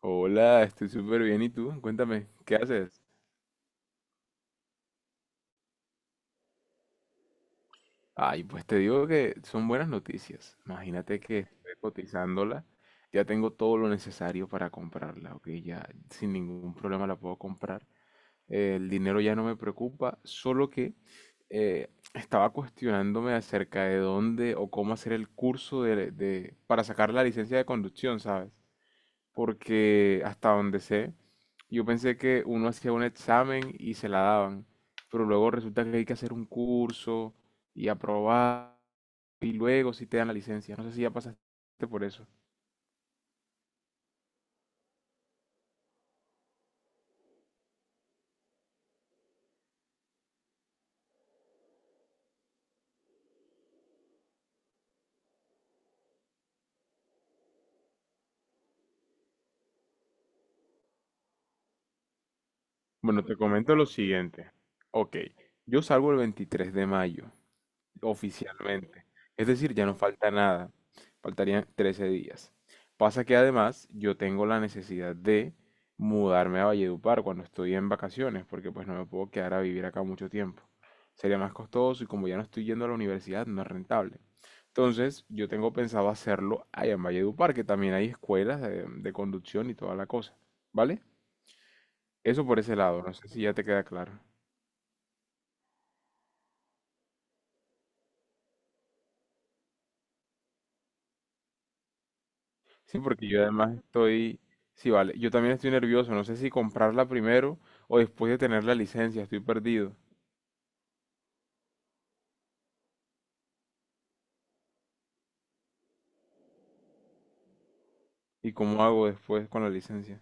Hola, estoy súper bien. ¿Y tú? Cuéntame, ¿qué haces? Ay, pues te digo que son buenas noticias. Imagínate que estoy cotizándola. Ya tengo todo lo necesario para comprarla, ¿ok? Ya sin ningún problema la puedo comprar. El dinero ya no me preocupa, solo que eh, estaba cuestionándome acerca de dónde o cómo hacer el curso para sacar la licencia de conducción, ¿sabes? Porque hasta donde sé, yo pensé que uno hacía un examen y se la daban, pero luego resulta que hay que hacer un curso y aprobar y luego si te dan la licencia. No sé si ya pasaste por eso. Bueno, te comento lo siguiente. Ok, yo salgo el 23 de mayo. Oficialmente. Es decir, ya no falta nada. Faltarían 13 días. Pasa que además yo tengo la necesidad de mudarme a Valledupar cuando estoy en vacaciones, porque pues no me puedo quedar a vivir acá mucho tiempo. Sería más costoso y como ya no estoy yendo a la universidad, no es rentable. Entonces, yo tengo pensado hacerlo allá en Valledupar, que también hay escuelas de conducción y toda la cosa. ¿Vale? Eso por ese lado, no sé si ya te queda claro. Sí, porque yo además estoy, sí, vale, yo también estoy nervioso, no sé si comprarla primero o después de tener la licencia, estoy perdido. ¿Y cómo hago después con la licencia?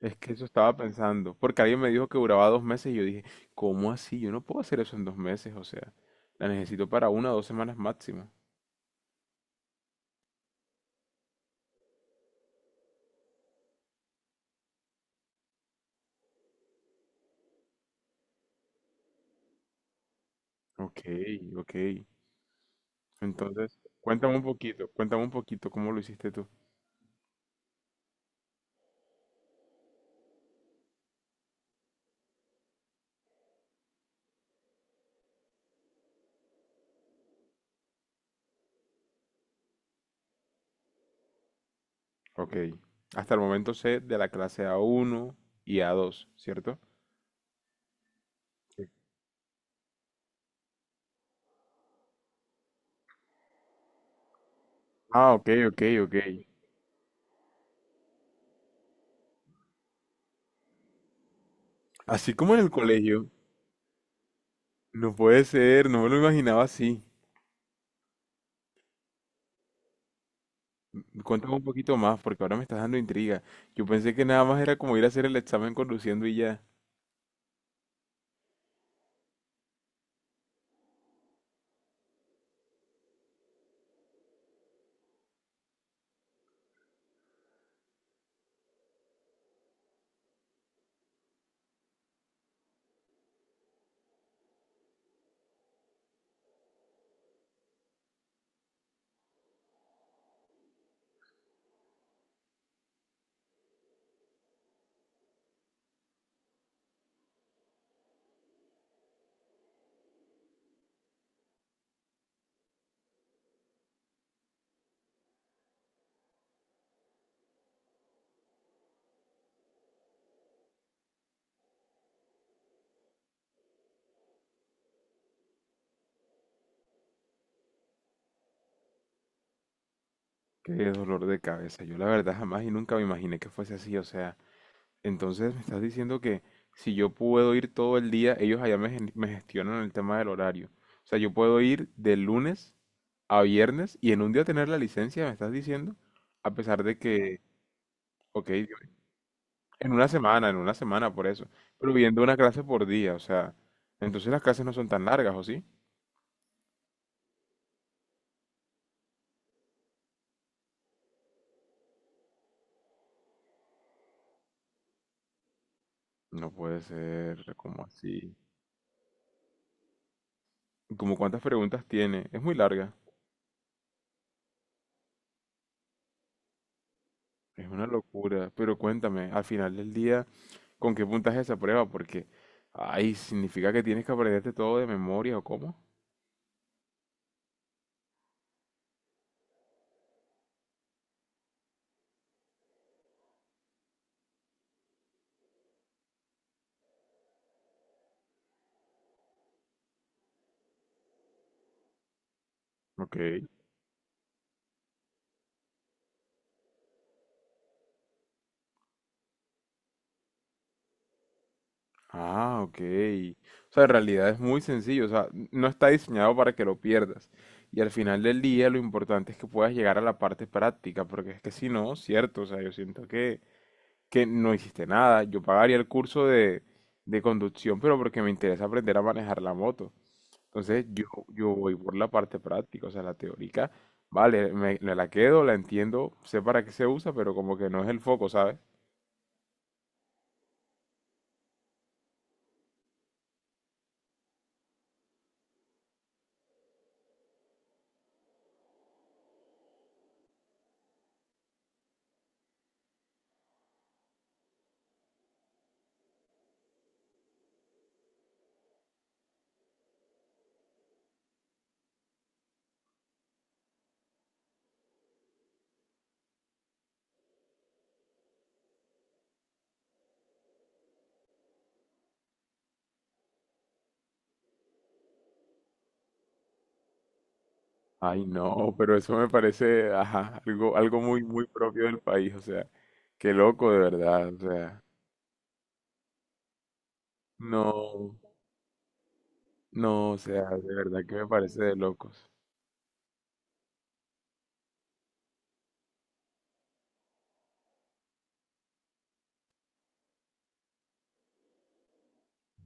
Es que eso estaba pensando, porque alguien me dijo que duraba dos meses y yo dije, ¿cómo así? Yo no puedo hacer eso en dos meses, o sea, la necesito para una o dos semanas máximo. Ok, ok. Entonces, cuéntame un poquito cómo lo hiciste tú. Ok, hasta el momento sé de la clase a uno y a dos, ¿cierto? Sí. Ah, ok. Así como en el colegio, no puede ser, no me lo imaginaba así. Cuéntame un poquito más, porque ahora me estás dando intriga. Yo pensé que nada más era como ir a hacer el examen conduciendo y ya. Qué dolor de cabeza. Yo la verdad jamás y nunca me imaginé que fuese así. O sea, entonces me estás diciendo que si yo puedo ir todo el día, ellos allá me gestionan el tema del horario. O sea, yo puedo ir de lunes a viernes y en un día tener la licencia, me estás diciendo, a pesar de que, ok. En una semana, por eso. Pero viendo una clase por día, o sea, entonces las clases no son tan largas, ¿o sí? ¿No puede ser, como así? ¿Como cuántas preguntas tiene? Es muy larga, es una locura. Pero cuéntame, al final del día, ¿con qué puntaje esa prueba? Porque, ay, ¿significa que tienes que aprenderte todo de memoria o cómo? Ok. Ah, ok. O sea, en realidad es muy sencillo. O sea, no está diseñado para que lo pierdas. Y al final del día lo importante es que puedas llegar a la parte práctica, porque es que si no, cierto, o sea, yo siento que no hiciste nada. Yo pagaría el curso de conducción, pero porque me interesa aprender a manejar la moto. Entonces yo voy por la parte práctica, o sea, la teórica, vale, me la quedo, la entiendo, sé para qué se usa, pero como que no es el foco, ¿sabes? Ay, no, pero eso me parece, ajá, algo muy, muy propio del país, o sea, qué loco de verdad, o sea, no, no, o sea, de verdad que me parece de locos.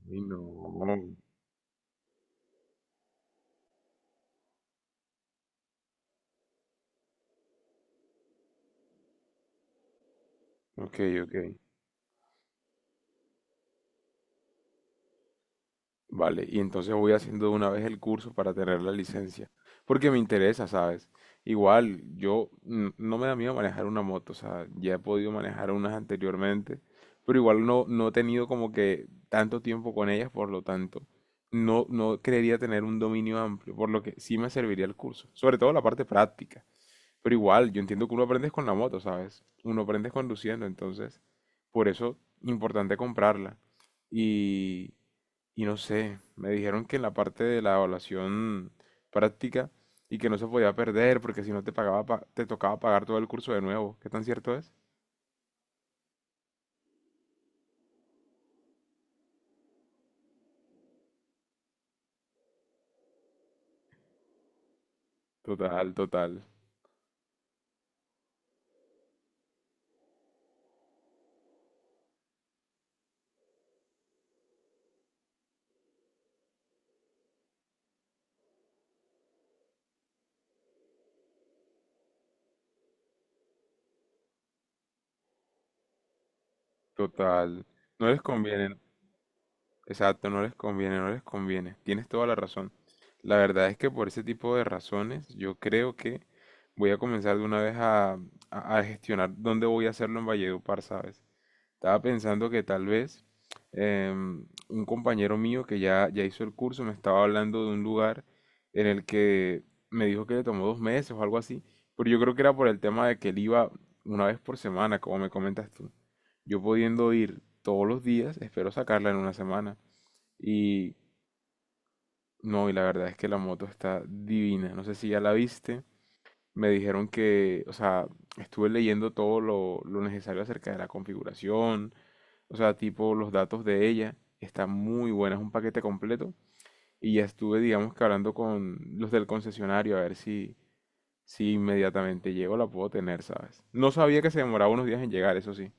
Y no, ok, ok. Vale, y entonces voy haciendo de una vez el curso para tener la licencia, porque me interesa, ¿sabes? Igual, yo no me da miedo manejar una moto, o sea, ya he podido manejar unas anteriormente, pero igual no, no he tenido como que tanto tiempo con ellas, por lo tanto, no creería tener un dominio amplio, por lo que sí me serviría el curso, sobre todo la parte práctica, pero igual, yo entiendo que uno aprende es con la moto, ¿sabes? Uno aprende es conduciendo, entonces, por eso, importante comprarla. Y, y no sé, me dijeron que en la parte de la evaluación práctica y que no se podía perder porque si no te pagaba, te tocaba pagar todo el curso de nuevo. ¿Qué tan cierto es? Total, total, total. No les conviene. Exacto, no les conviene, no les conviene. Tienes toda la razón. La verdad es que por ese tipo de razones yo creo que voy a comenzar de una vez a gestionar dónde voy a hacerlo en Valledupar, ¿sabes? Estaba pensando que tal vez un compañero mío que ya hizo el curso me estaba hablando de un lugar en el que me dijo que le tomó dos meses o algo así, pero yo creo que era por el tema de que él iba una vez por semana, como me comentas tú. Yo pudiendo ir todos los días, espero sacarla en una semana. Y no, y la verdad es que la moto está divina. No sé si ya la viste. Me dijeron que, o sea, estuve leyendo todo lo necesario acerca de la configuración, o sea, tipo los datos de ella. Está muy buena, es un paquete completo. Y ya estuve, digamos que hablando con los del concesionario a ver si, si inmediatamente llego la puedo tener, ¿sabes? No sabía que se demoraba unos días en llegar, eso sí.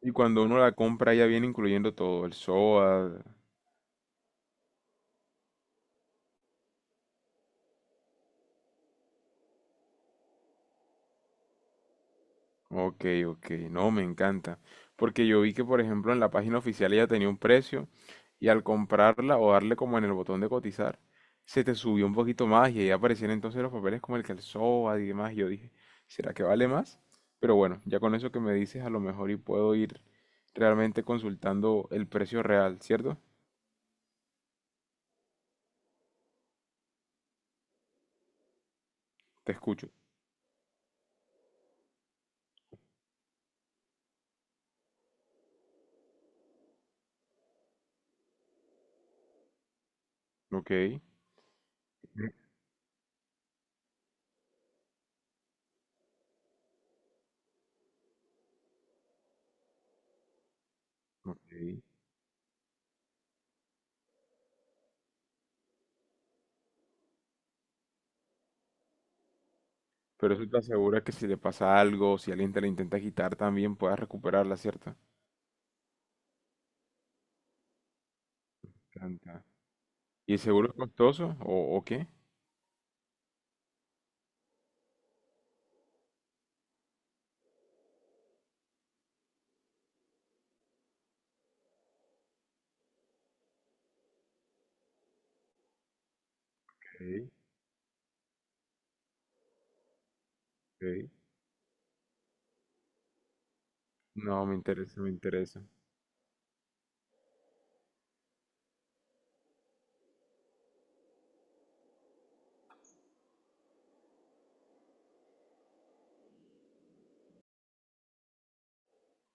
Y cuando uno la compra ya viene incluyendo todo, el SOAT. Ok, ok, no, me encanta. Porque yo vi que, por ejemplo, en la página oficial ella tenía un precio y al comprarla o darle como en el botón de cotizar, se te subió un poquito más y ahí aparecían entonces los papeles como el que el calzón y demás. Y yo dije, ¿será que vale más? Pero bueno, ya con eso que me dices, a lo mejor y puedo ir realmente consultando el precio real, ¿cierto? Te escucho. Ok, ok. Pero eso te asegura que si le pasa algo, si alguien te la intenta quitar, también puedas recuperarla, ¿cierto? ¿Y el seguro es costoso o qué? Ok, ok. No, me interesa, me interesa.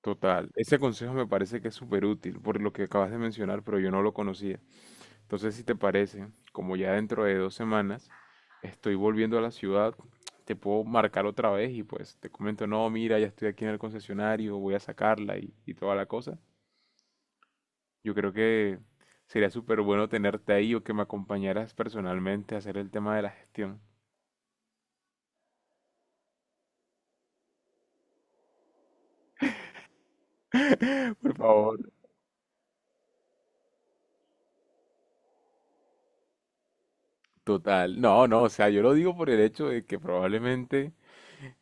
Total. Ese consejo me parece que es súper útil por lo que acabas de mencionar, pero yo no lo conocía. Entonces, si te parece, como ya dentro de dos semanas estoy volviendo a la ciudad, te puedo marcar otra vez y pues te comento, no, mira, ya estoy aquí en el concesionario, voy a sacarla y toda la cosa. Yo creo que sería súper bueno tenerte ahí o que me acompañaras personalmente a hacer el tema de la gestión. Por favor. Total, no, no, o sea, yo lo digo por el hecho de que probablemente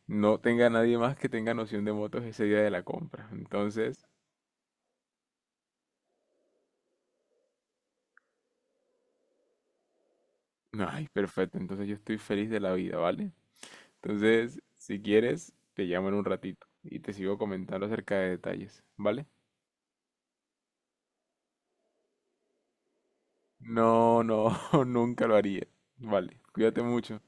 no tenga nadie más que tenga noción de motos ese día de la compra. Entonces, ay, perfecto, entonces yo estoy feliz de la vida, ¿vale? Entonces, si quieres, te llamo en un ratito y te sigo comentando acerca de detalles, ¿vale? No, no, nunca lo haría, ¿vale? Cuídate mucho.